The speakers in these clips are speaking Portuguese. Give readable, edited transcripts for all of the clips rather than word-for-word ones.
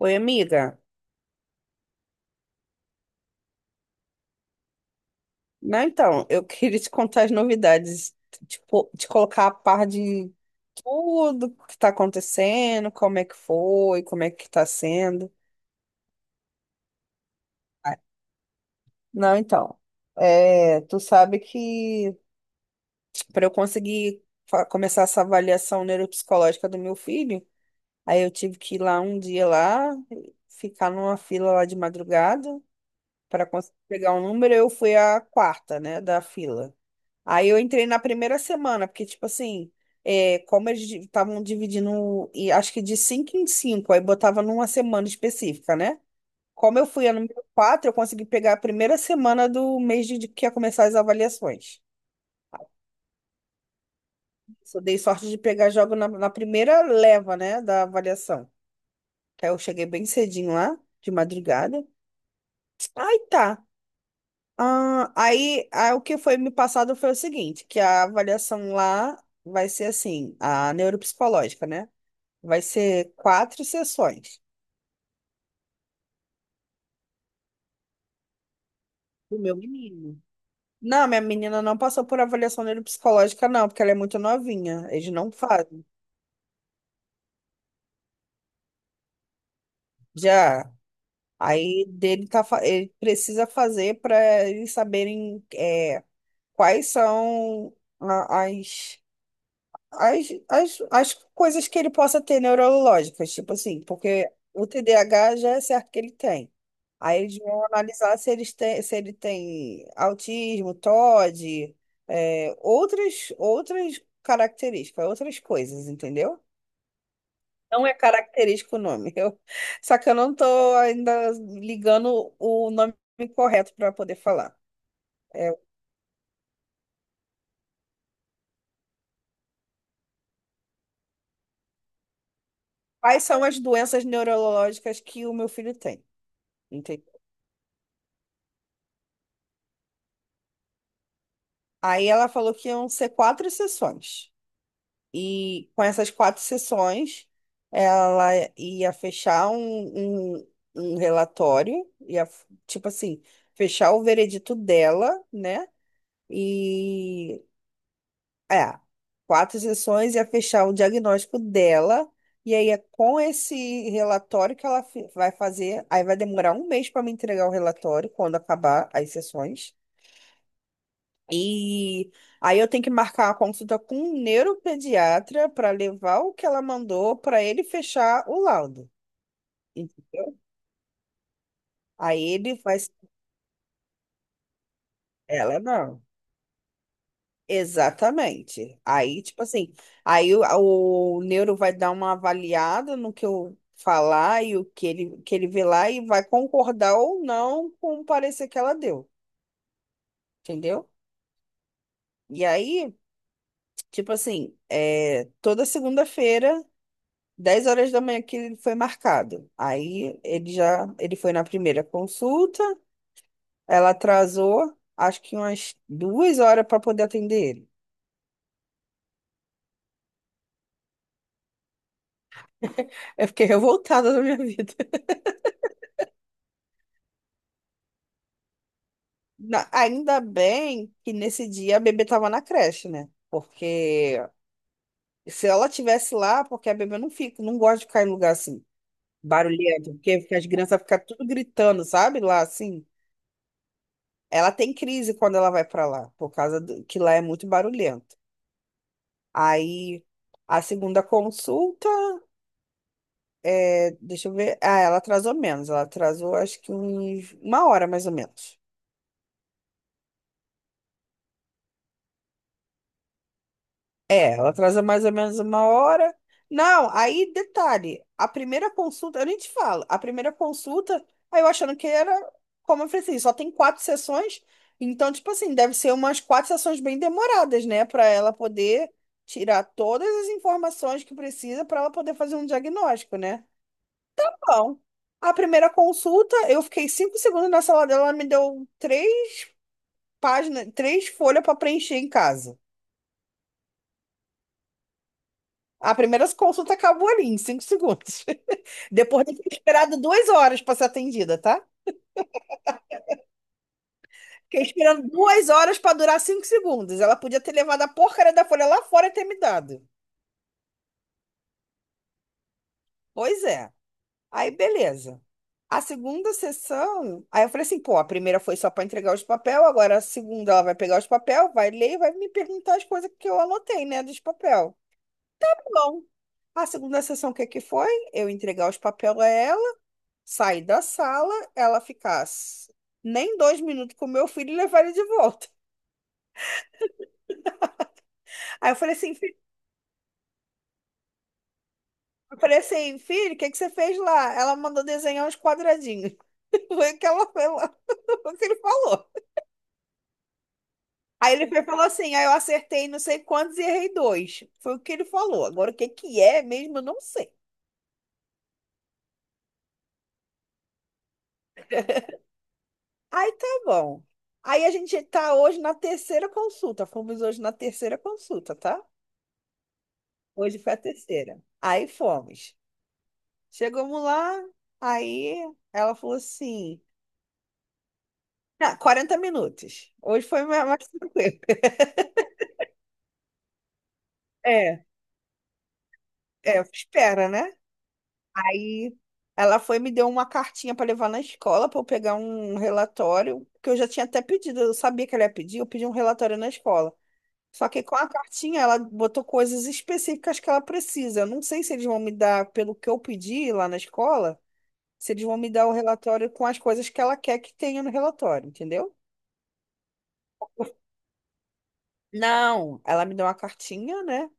Oi, amiga. Não, então, eu queria te contar as novidades, te colocar a par de tudo que está acontecendo, como é que foi, como é que está sendo. Ah, não, então, é, tu sabe que para eu conseguir começar essa avaliação neuropsicológica do meu filho, aí eu tive que ir lá um dia lá, ficar numa fila lá de madrugada para conseguir pegar um número, eu fui a quarta, né, da fila. Aí eu entrei na primeira semana, porque, tipo assim, é, como eles estavam dividindo, e acho que de cinco em cinco, aí botava numa semana específica, né? Como eu fui a número 4, eu consegui pegar a primeira semana do mês de que ia começar as avaliações. Só dei sorte de pegar jogo na primeira leva, né, da avaliação. Aí eu cheguei bem cedinho lá, de madrugada. Aí tá. Ah, aí o que foi me passado foi o seguinte, que a avaliação lá vai ser assim, a neuropsicológica, né? Vai ser quatro sessões. Do meu menino. Não, minha menina não passou por avaliação neuropsicológica, não, porque ela é muito novinha. Eles não fazem. Já. Aí dele tá, ele precisa fazer para eles saberem é, quais são a- as as coisas que ele possa ter neurológicas, tipo assim, porque o TDAH já é certo que ele tem. Aí eles vão analisar se ele tem autismo, TOD, é, outras características, outras coisas, entendeu? Não é característico o nome. Só que eu não tô ainda ligando o nome correto para poder falar. É, quais são as doenças neurológicas que o meu filho tem? Aí ela falou que iam ser quatro sessões. E com essas quatro sessões, ela ia fechar um relatório, ia, tipo assim, fechar o veredito dela, né? E é, quatro sessões ia fechar o diagnóstico dela. E aí é com esse relatório que ela vai fazer. Aí vai demorar um mês para me entregar o relatório quando acabar as sessões. E aí eu tenho que marcar a consulta com um neuropediatra para levar o que ela mandou para ele fechar o laudo, entendeu? Aí ele faz, ela não. Exatamente. Aí, tipo assim, aí o neuro vai dar uma avaliada no que eu falar e que ele vê lá e vai concordar ou não com o parecer que ela deu, entendeu? E aí, tipo assim, é, toda segunda-feira. 10 horas da manhã que ele foi marcado. Aí ele foi na primeira consulta, ela atrasou, acho que umas 2 horas para poder atender ele. Eu fiquei revoltada na minha vida. Ainda bem que nesse dia a bebê tava na creche, né? Porque se ela tivesse lá, porque a bebê não fica, não gosta de ficar em lugar assim, barulhento, porque as crianças ficam tudo gritando, sabe? Lá assim. Ela tem crise quando ela vai para lá, por causa que lá é muito barulhento. Aí a segunda consulta, é, deixa eu ver. Ah, ela atrasou menos. Ela atrasou acho que uma hora mais ou menos. É, ela atrasou mais ou menos uma hora. Não, aí detalhe, a primeira consulta, eu nem te falo, a primeira consulta, aí eu achando que era, como eu falei assim, só tem quatro sessões, então, tipo assim, deve ser umas quatro sessões bem demoradas, né, para ela poder tirar todas as informações que precisa para ela poder fazer um diagnóstico, né? Então, a primeira consulta, eu fiquei 5 segundos na sala dela, ela me deu três páginas, três folhas para preencher em casa. A primeira consulta acabou ali, em 5 segundos. Depois de ter esperado 2 horas para ser atendida, tá? Fiquei esperando 2 horas para durar 5 segundos. Ela podia ter levado a porcaria da folha lá fora e ter me dado. Pois é. Aí, beleza. A segunda sessão, aí eu falei assim, pô, a primeira foi só para entregar os papel, agora a segunda ela vai pegar os papel, vai ler e vai me perguntar as coisas que eu anotei, né, dos papel. Tá bom, a segunda sessão, o que que foi? Eu entregar os papel a ela, sair da sala, ela ficasse nem 2 minutos com o meu filho e levar ele de volta. Aí eu falei assim, filho, eu falei assim, filho, o que que você fez lá? Ela mandou desenhar uns quadradinhos. Foi o que ela, foi lá, o que ele falou. Aí ele foi e falou assim, aí eu acertei não sei quantos e errei dois. Foi o que ele falou. Agora o que que é mesmo, eu não sei. Aí tá bom. Aí a gente tá hoje na terceira consulta. Fomos hoje na terceira consulta, tá? Hoje foi a terceira. Aí fomos. Chegamos lá, aí ela falou assim, ah, 40 minutos. Hoje foi mais tranquilo. É, é, espera, né? Aí ela foi e me deu uma cartinha para levar na escola para eu pegar um relatório, que eu já tinha até pedido, eu sabia que ela ia pedir, eu pedi um relatório na escola. Só que com a cartinha ela botou coisas específicas que ela precisa. Eu não sei se eles vão me dar, pelo que eu pedi lá na escola, se eles vão me dar o relatório com as coisas que ela quer que tenha no relatório, entendeu? Não, ela me deu uma cartinha, né?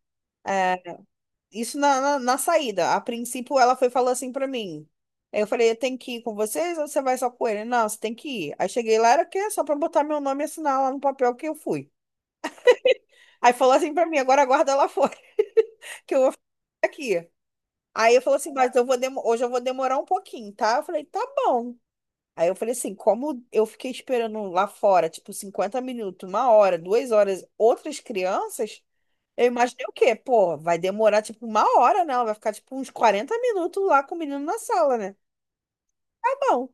É, isso na saída. A princípio, ela foi falou assim pra mim. Aí eu falei, eu tenho que ir com vocês ou você vai só com ele? Não, você tem que ir. Aí cheguei lá, era o quê? Só pra botar meu nome e assinar lá no papel que eu fui. Aí falou assim pra mim, agora aguarda ela fora, que eu vou ficar aqui. Aí eu falei assim, mas hoje eu vou demorar um pouquinho, tá? Eu falei, tá bom. Aí eu falei assim, como eu fiquei esperando lá fora, tipo, 50 minutos, uma hora, duas horas, outras crianças, eu imaginei o quê? Pô, vai demorar tipo uma hora, não. Vai ficar tipo uns 40 minutos lá com o menino na sala, né? Tá bom.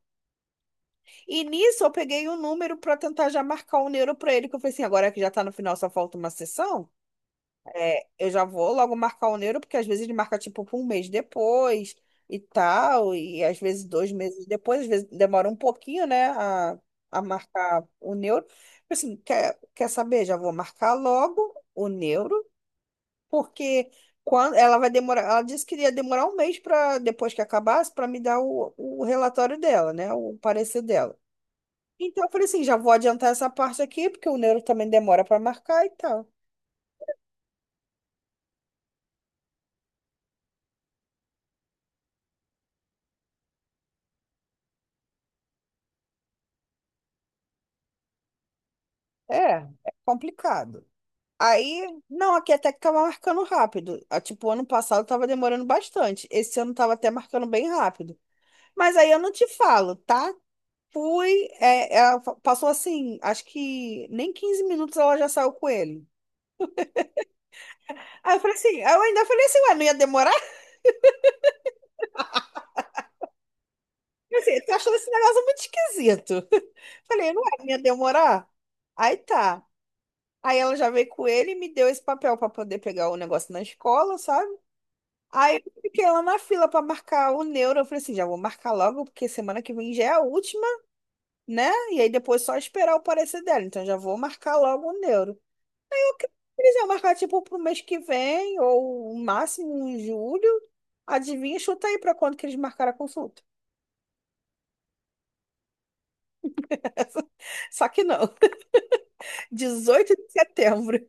E nisso eu peguei um número pra tentar já marcar um neuro pra ele, que eu falei assim, agora que já tá no final, só falta uma sessão, é, eu já vou logo marcar o neuro, porque às vezes ele marca tipo um mês depois e tal, e às vezes 2 meses depois, às vezes demora um pouquinho, né, a marcar o neuro. Eu falei assim, quer saber? Já vou marcar logo o neuro porque quando ela vai demorar, ela disse que ia demorar um mês para depois que acabasse para me dar o relatório dela, né, o parecer dela. Então eu falei assim, já vou adiantar essa parte aqui, porque o neuro também demora para marcar e tal. É, é complicado. Aí, não, aqui até que tava marcando rápido. Ah, tipo, ano passado tava demorando bastante. Esse ano tava até marcando bem rápido. Mas aí eu não te falo, tá? Passou assim, acho que nem 15 minutos ela já saiu com ele. Aí eu falei assim, eu ainda falei assim, ué, não ia demorar? Eu falei assim, tô achando esse negócio muito esquisito. Falei, não é, não ia demorar? Aí tá. Aí ela já veio com ele e me deu esse papel pra poder pegar o negócio na escola, sabe? Aí eu fiquei lá na fila pra marcar o neuro. Eu falei assim, já vou marcar logo, porque semana que vem já é a última, né? E aí depois só esperar o parecer dela. Então já vou marcar logo o neuro. Eles iam marcar tipo pro mês que vem, ou o máximo em julho. Adivinha, chuta aí pra quando que eles marcaram a consulta. Só que não. 18 de setembro,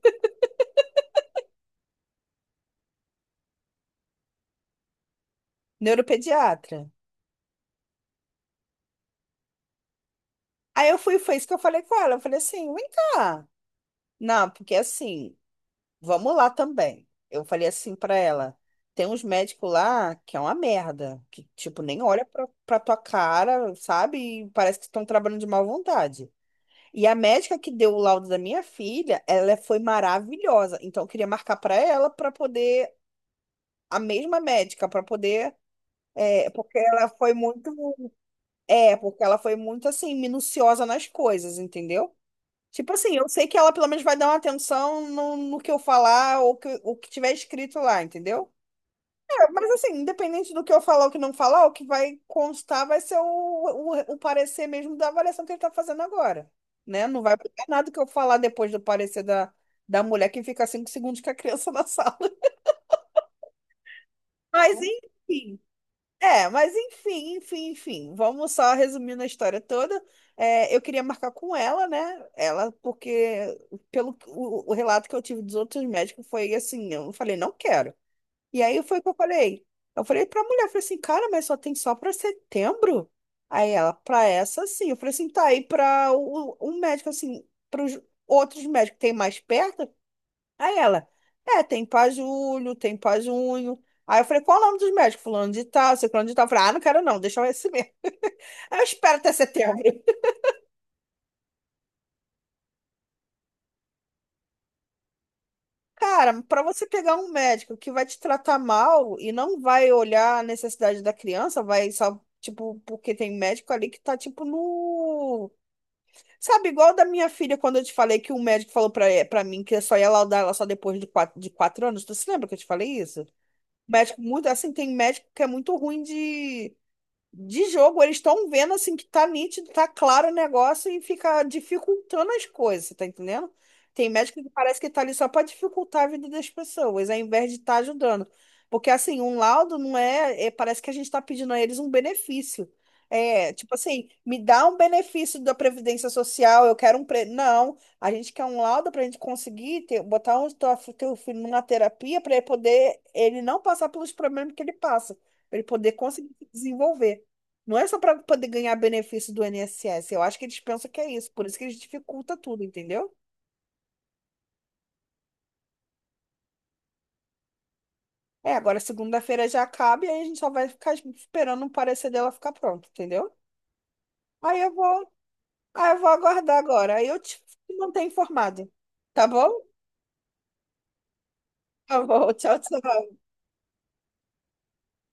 neuropediatra. Aí eu fui, foi isso que eu falei com ela. Eu falei assim, vem cá. Não, porque assim, vamos lá também. Eu falei assim pra ela, tem uns médicos lá que é uma merda, que tipo nem olha pra tua cara, sabe? E parece que estão trabalhando de má vontade. E a médica que deu o laudo da minha filha, ela foi maravilhosa. Então eu queria marcar pra ela pra poder a mesma médica pra poder é, porque ela foi muito. É, porque ela foi muito assim, minuciosa nas coisas, entendeu? Tipo assim, eu sei que ela pelo menos vai dar uma atenção no que eu falar ou o que tiver escrito lá, entendeu? É, mas assim, independente do que eu falar ou que não falar, o que vai constar vai ser o parecer mesmo da avaliação que ele tá fazendo agora, né? Não vai mudar nada que eu falar depois do parecer da mulher que fica 5 segundos com a criança na sala. Mas enfim. É, mas enfim, enfim, enfim. Vamos só resumindo a história toda. É, eu queria marcar com ela, né? Porque pelo o relato que eu tive dos outros médicos foi assim, eu falei, não quero. E aí foi o que eu falei. Eu falei pra mulher, eu falei assim, cara, mas só tem só pra setembro? Aí ela, pra essa sim. Eu falei assim, tá aí pra o um médico, assim, pros outros médicos que tem mais perto? Aí tem pra julho, tem pra junho. Aí eu falei, qual o nome dos médicos? Fulano de tal, ciclano de tal. Eu falei, ah, não quero não, deixa eu esse mesmo. Aí eu espero até setembro. Cara, para você pegar um médico que vai te tratar mal e não vai olhar a necessidade da criança, vai só, tipo, porque tem médico ali que tá, tipo, no... Sabe, igual da minha filha, quando eu te falei que o médico falou pra mim que eu só ia laudar ela só depois de 4 anos. Tu se lembra que eu te falei isso? Médico muito, assim, tem médico que é muito ruim de jogo, eles estão vendo assim que tá nítido, tá claro o negócio e fica dificultando as coisas, você tá entendendo? Tem médico que parece que tá ali só para dificultar a vida das pessoas, ao invés de estar ajudando. Porque assim, um laudo não é, parece que a gente tá pedindo a eles um benefício. É, tipo assim, me dá um benefício da Previdência Social, eu quero. Não, a gente quer um laudo para a gente conseguir botar o teu filho numa terapia para ele poder, ele não passar pelos problemas que ele passa, para ele poder conseguir se desenvolver. Não é só para poder ganhar benefício do INSS. Eu acho que eles pensam que é isso. Por isso que eles dificulta tudo, entendeu? É, agora segunda-feira já acaba e aí a gente só vai ficar esperando o parecer dela ficar pronto, entendeu? Aí eu vou, aí eu vou aguardar agora. Aí eu te mantenho informado. Tá bom? Tá bom. Tchau, tchau.